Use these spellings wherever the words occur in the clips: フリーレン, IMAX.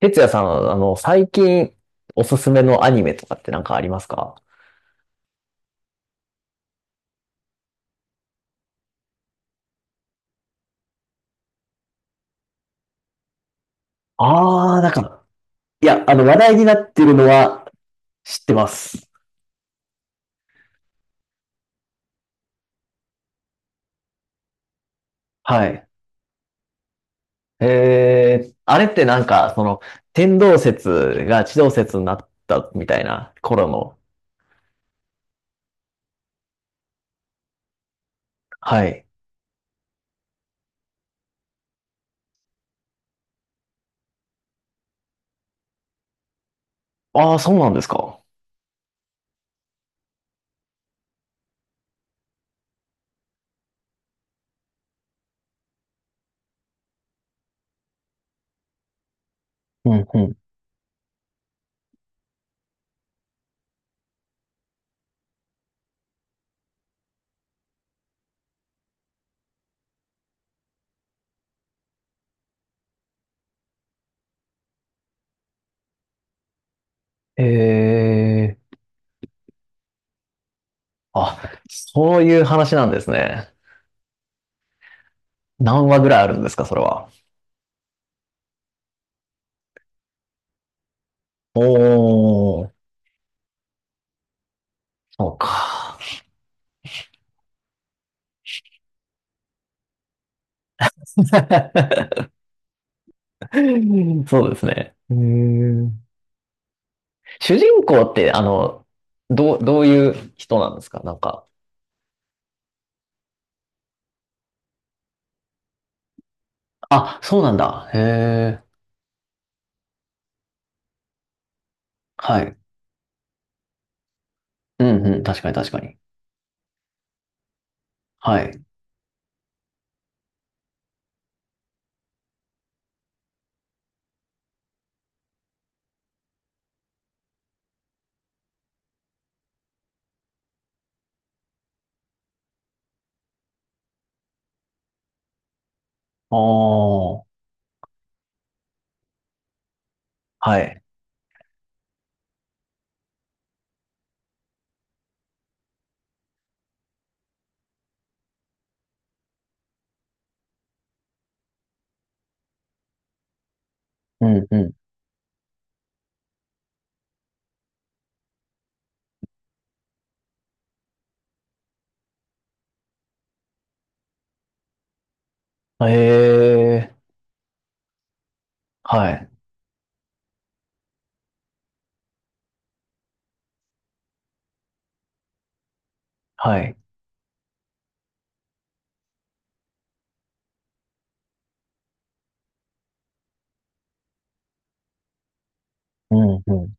哲也さん、最近おすすめのアニメとかってなんかありますか？ああー、なんか、いや、話題になってるのは知ってます。はい。あれってなんか、天動説が地動説になったみたいな頃の。はい。ああ、そうなんですか。うんうん。あ、そういう話なんですね。何話ぐらいあるんですか、それは？おー。そうか。うんそうですね。ん主人公って、どういう人なんですかなんか。あ、そうなんだ。へえ。はい。うんうん。確かに確かに。はい。ああ。はい。うんうん。へえ。はい。はい。うんう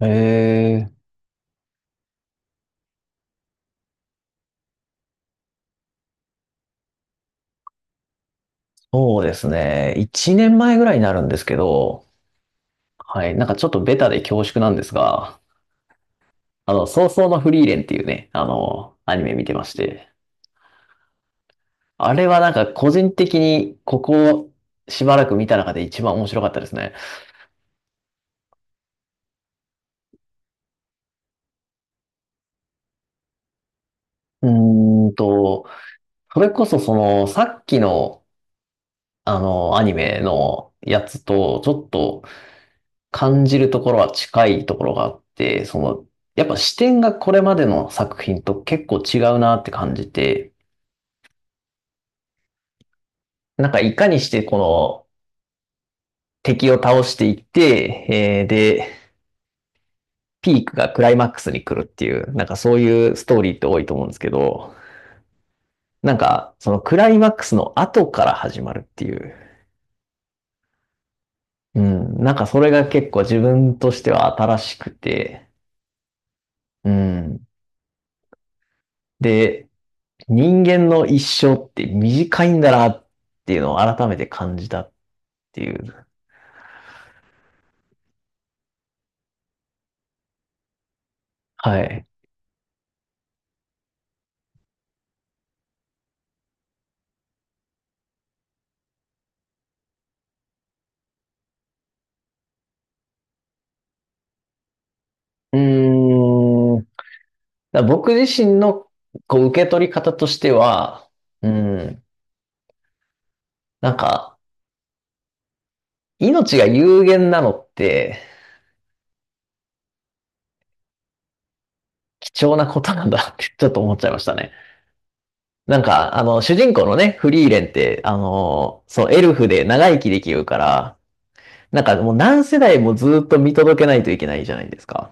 ん。へえ。そうですね。1年前ぐらいになるんですけど、はい。なんかちょっとベタで恐縮なんですが、早々のフリーレンっていうね、アニメ見てまして。あれはなんか個人的にここをしばらく見た中で一番面白かったですね。うーんと、それこそそのさっきのあのアニメのやつとちょっと感じるところは近いところがあって、やっぱ視点がこれまでの作品と結構違うなって感じて、なんかいかにしてこの敵を倒していって、で、ピークがクライマックスに来るっていう、なんかそういうストーリーって多いと思うんですけど、なんか、そのクライマックスの後から始まるっていう。うん。なんかそれが結構自分としては新しくて。うん。で、人間の一生って短いんだなっていうのを改めて感じたっていう。はい。うーん。僕自身のこう受け取り方としては、うん。なんか、命が有限なのって貴重なことなんだってちょっと思っちゃいましたね。なんか、主人公のね、フリーレンって、そう、エルフで長生きできるから、なんかもう何世代もずっと見届けないといけないじゃないですか。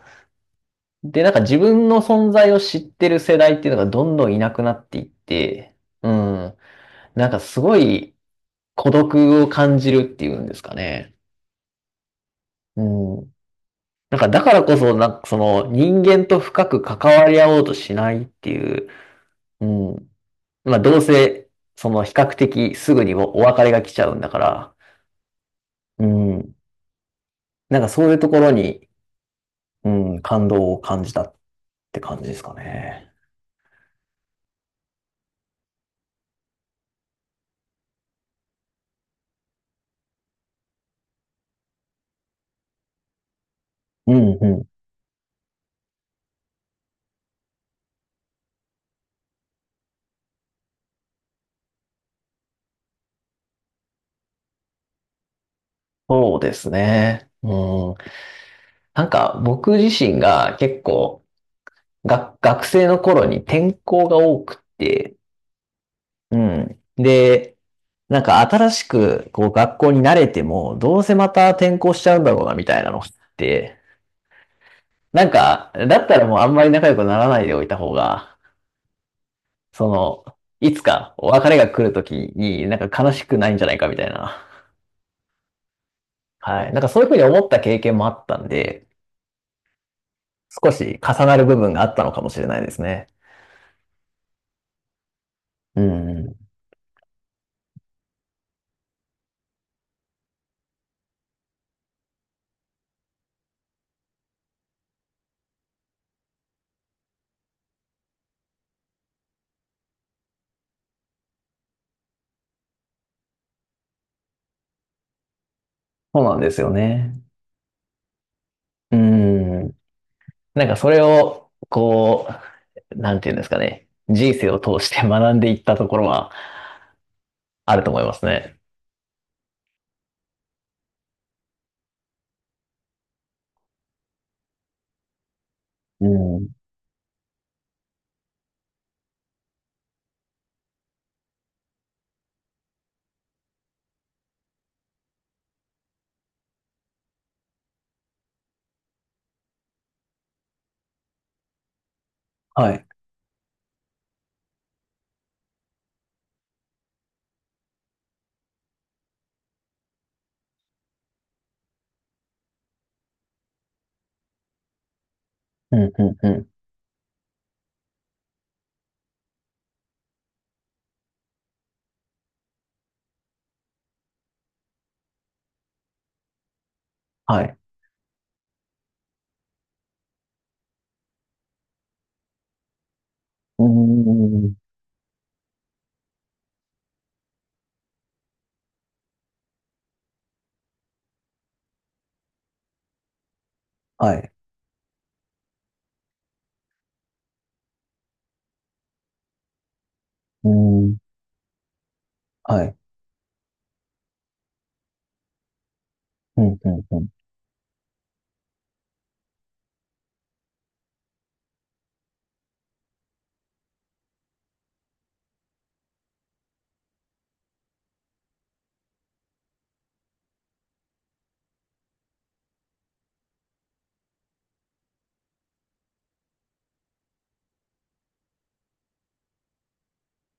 で、なんか自分の存在を知ってる世代っていうのがどんどんいなくなっていって、うん、なんかすごい孤独を感じるっていうんですかね。うん。なんかだからこそ、なんかその人間と深く関わり合おうとしないっていう、うん。まあどうせ、その比較的すぐにお別れが来ちゃうんだから、うん。なんかそういうところに、うん、感動を感じたって感じですかね。うん、うん。そうですね。うん。なんか僕自身が結構学生の頃に転校が多くって、うん。で、なんか新しくこう学校に慣れても、どうせまた転校しちゃうんだろうなみたいなのって、なんか、だったらもうあんまり仲良くならないでおいた方が、その、いつかお別れが来るときになんか悲しくないんじゃないかみたいな。はい。なんかそういうふうに思った経験もあったんで、少し重なる部分があったのかもしれないですね。うん。そうなんですよね。うん。なんかそれを、こう、なんていうんですかね。人生を通して学んでいったところはあると思いますね。うん。はい。うん、うん、うん。はい。うん。はい。うん。はい。うん、うん、う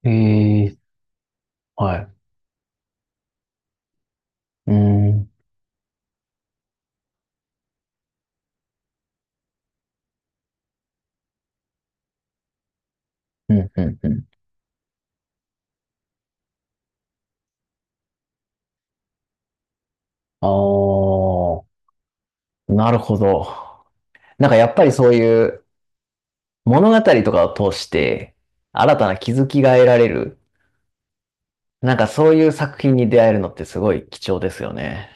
ん。はい。うん。うん、うん、うん。ああ、なるほど。なんかやっぱりそういう物語とかを通して新たな気づきが得られる、なんかそういう作品に出会えるのってすごい貴重ですよね。